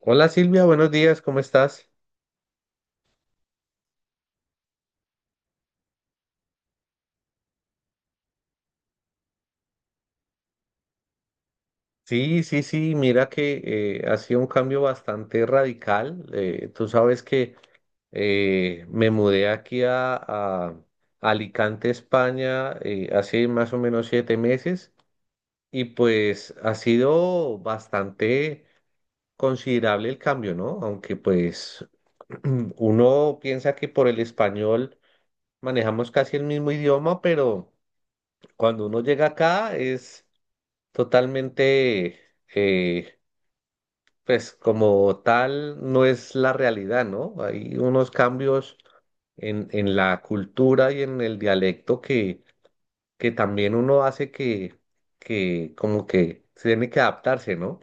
Hola Silvia, buenos días, ¿cómo estás? Sí, sí, sí, mira que ha sido un cambio bastante radical. Tú sabes que me mudé aquí a Alicante, España, hace más o menos 7 meses y pues ha sido bastante considerable el cambio, ¿no? Aunque pues uno piensa que por el español manejamos casi el mismo idioma, pero cuando uno llega acá totalmente, eh, pues como tal, no es la realidad, ¿no? Hay unos cambios en la cultura y en el dialecto que también uno hace que como que se tiene que adaptarse, ¿no?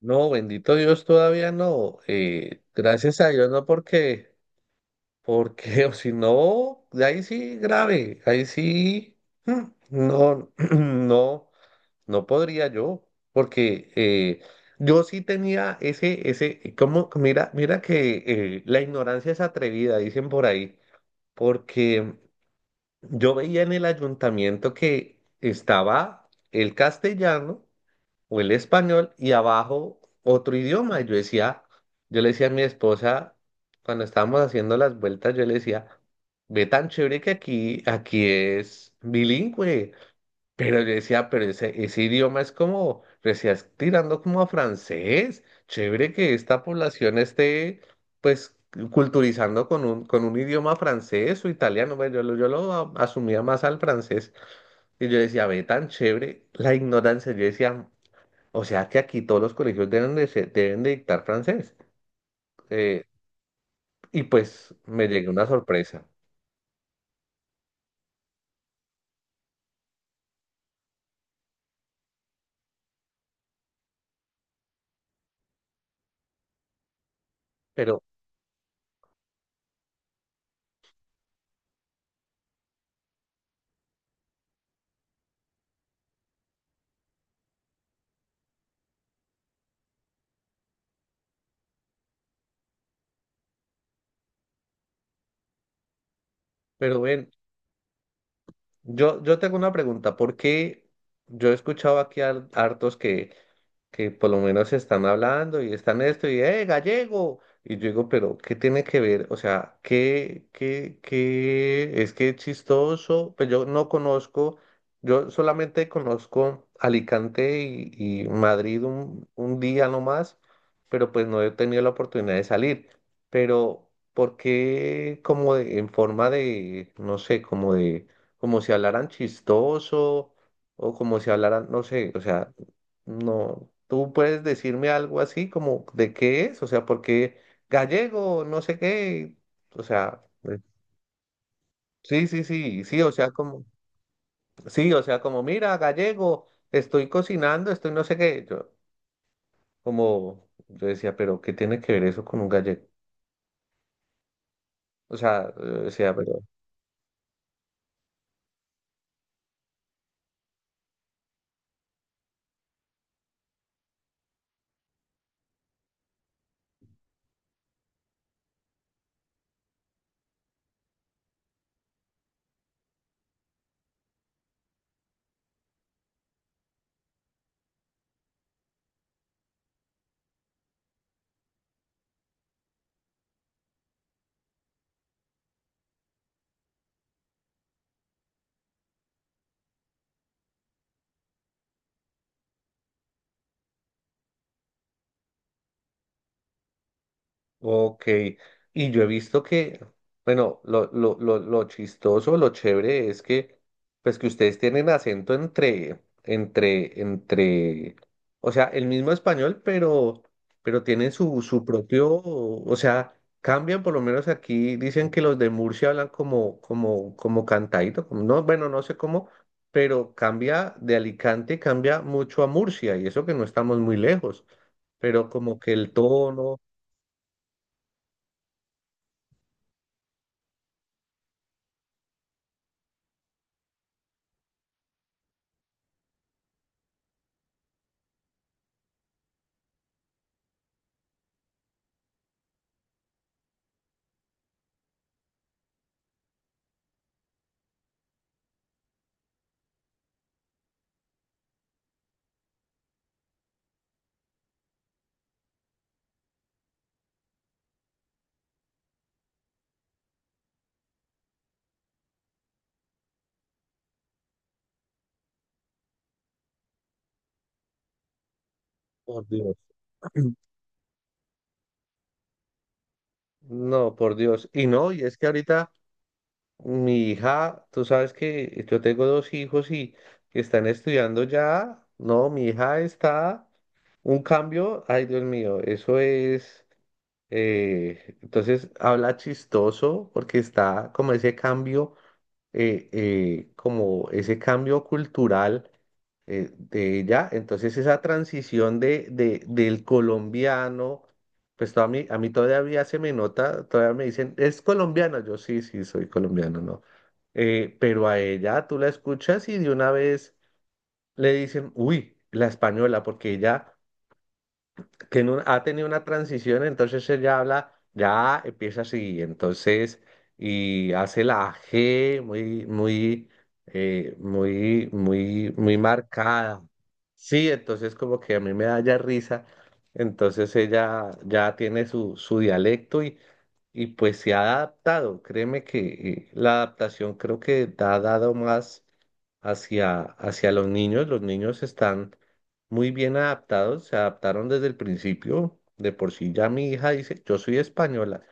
No, bendito Dios, todavía no. Gracias a Dios, no porque, porque, o si no, de ahí sí grave, ahí sí, mm, no, no. No podría yo, porque yo sí tenía como, mira que la ignorancia es atrevida, dicen por ahí, porque yo veía en el ayuntamiento que estaba el castellano o el español y abajo otro idioma. Y yo decía, yo le decía a mi esposa, cuando estábamos haciendo las vueltas, yo le decía, ve tan chévere que aquí es bilingüe. Pero yo decía, pero ese idioma es como, recién tirando como a francés. Chévere que esta población esté, pues, culturizando con un idioma francés o italiano. Bueno, yo, yo lo asumía más al francés. Y yo decía, ve, tan chévere la ignorancia. Yo decía, o sea que aquí todos los colegios deben de dictar francés. Eh, y pues me llegué una sorpresa. Pero, pero ven, yo tengo una pregunta. ¿Por qué yo he escuchado aquí a hartos que por lo menos están hablando y están esto y, ¡eh, gallego! Y yo digo, pero ¿qué tiene que ver? O sea, qué? Es que es chistoso, pues yo no conozco, yo solamente conozco Alicante y Madrid un día nomás, pero pues no he tenido la oportunidad de salir. Pero, ¿por qué como en forma de, no sé, como de, como si hablaran chistoso o como si hablaran, no sé, o sea... No, tú puedes decirme algo así como de qué es, o sea, porque gallego, no sé qué, o sea, sí, sí, sí, sí, o sea, como, sí, o sea, como, mira, gallego, estoy cocinando, estoy no sé qué, yo, como, yo decía, pero ¿qué tiene que ver eso con un gallego? O sea, pero ok, y yo he visto que, bueno, lo chistoso, lo chévere es que, pues que ustedes tienen acento o sea, el mismo español, pero tienen su propio, o sea, cambian, por lo menos aquí dicen que los de Murcia hablan como, como cantadito, no, bueno, no sé cómo, pero cambia de Alicante, cambia mucho a Murcia, y eso que no estamos muy lejos, pero como que el tono, por Dios. No, por Dios. Y no, y es que ahorita mi hija, tú sabes que yo tengo 2 hijos y que están estudiando ya. No, mi hija está un cambio. Ay, Dios mío, eso es. Entonces habla chistoso porque está como ese cambio cultural de ella. Entonces esa transición del colombiano, pues a mí todavía se me nota, todavía me dicen, ¿es colombiano? Yo sí, sí, soy colombiano, ¿no? Pero a ella tú la escuchas y de una vez le dicen, uy, la española, porque ella que en ha tenido una transición, entonces ella habla, ya empieza así, entonces, y hace la G muy marcada. Sí, entonces como que a mí me da ya risa, entonces ella ya tiene su, su dialecto y pues se ha adaptado, créeme que la adaptación creo que te ha dado más hacia, hacia los niños. Los niños están muy bien adaptados, se adaptaron desde el principio. De por sí ya mi hija dice, yo soy española,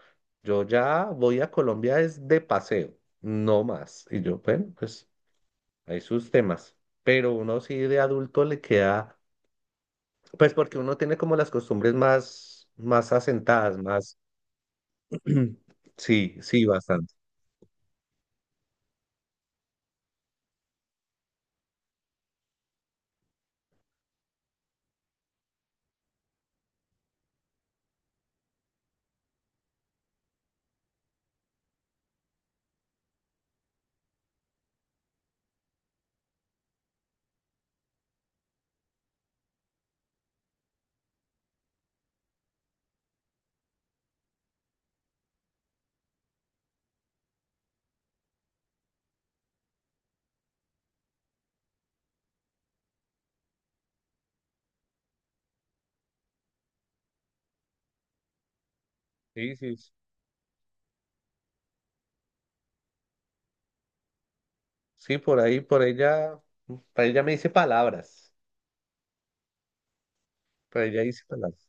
yo ya voy a Colombia es de paseo, no más. Y yo, bueno, pues hay sus temas. Pero uno sí de adulto le queda, pues porque uno tiene como las costumbres más, más asentadas, más, sí, sí, bastante. Sí, sí, sí, por ahí, por ella me dice palabras, por ella dice palabras.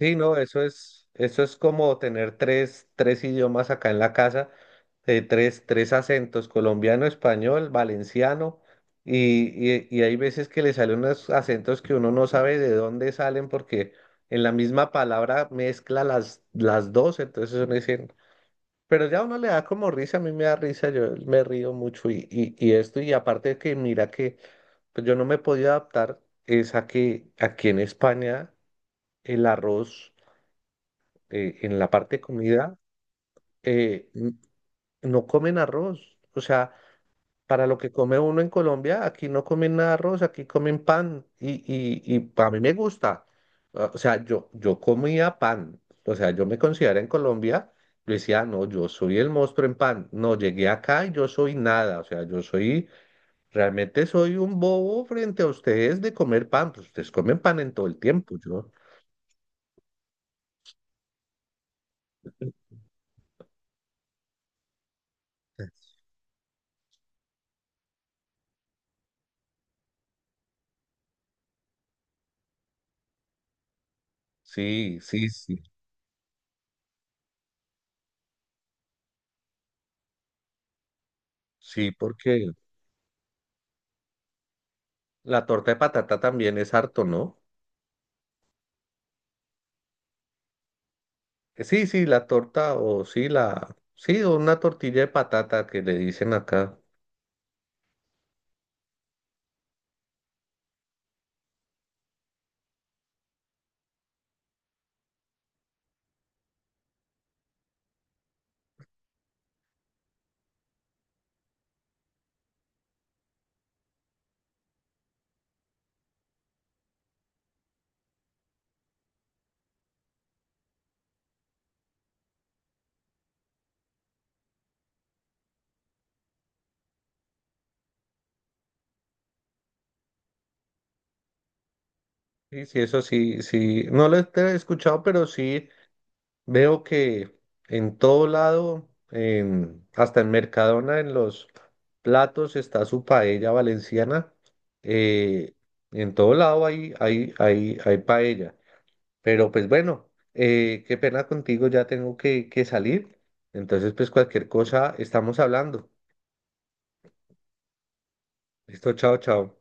Sí, no, eso es como tener 3, 3 idiomas acá en la casa, 3, 3 acentos, colombiano, español, valenciano, y, y hay veces que le salen unos acentos que uno no sabe de dónde salen porque en la misma palabra mezcla las dos, entonces uno dice, pero ya a uno le da como risa, a mí me da risa, yo me río mucho y, y esto, y aparte de que mira que pues yo no me podía adaptar, es a que aquí en España el arroz en la parte de comida, eh, n- no comen arroz. O sea, para lo que come uno en Colombia, aquí no comen nada de arroz, aquí comen pan y, y a mí me gusta. Ah, o sea, yo comía pan. O sea, yo me considero en Colombia, yo decía, no, yo soy el monstruo en pan. No, llegué acá y yo soy nada. O sea, yo soy, realmente soy un bobo frente a ustedes de comer pan. Pues ustedes comen pan en todo el tiempo, yo. Sí, sí, sí, sí, porque la torta de patata también es harto, ¿no? Sí, sí, la torta o sí, la... Sí, o una tortilla de patata que le dicen acá. Sí, sí, eso sí, sí. No lo he escuchado, pero sí veo que en todo lado, hasta en Mercadona, en los platos está su paella valenciana. eh, en todo lado hay, hay paella. Pero pues bueno, qué pena contigo, ya tengo que salir. Entonces, pues cualquier cosa estamos hablando. Listo, chao, chao.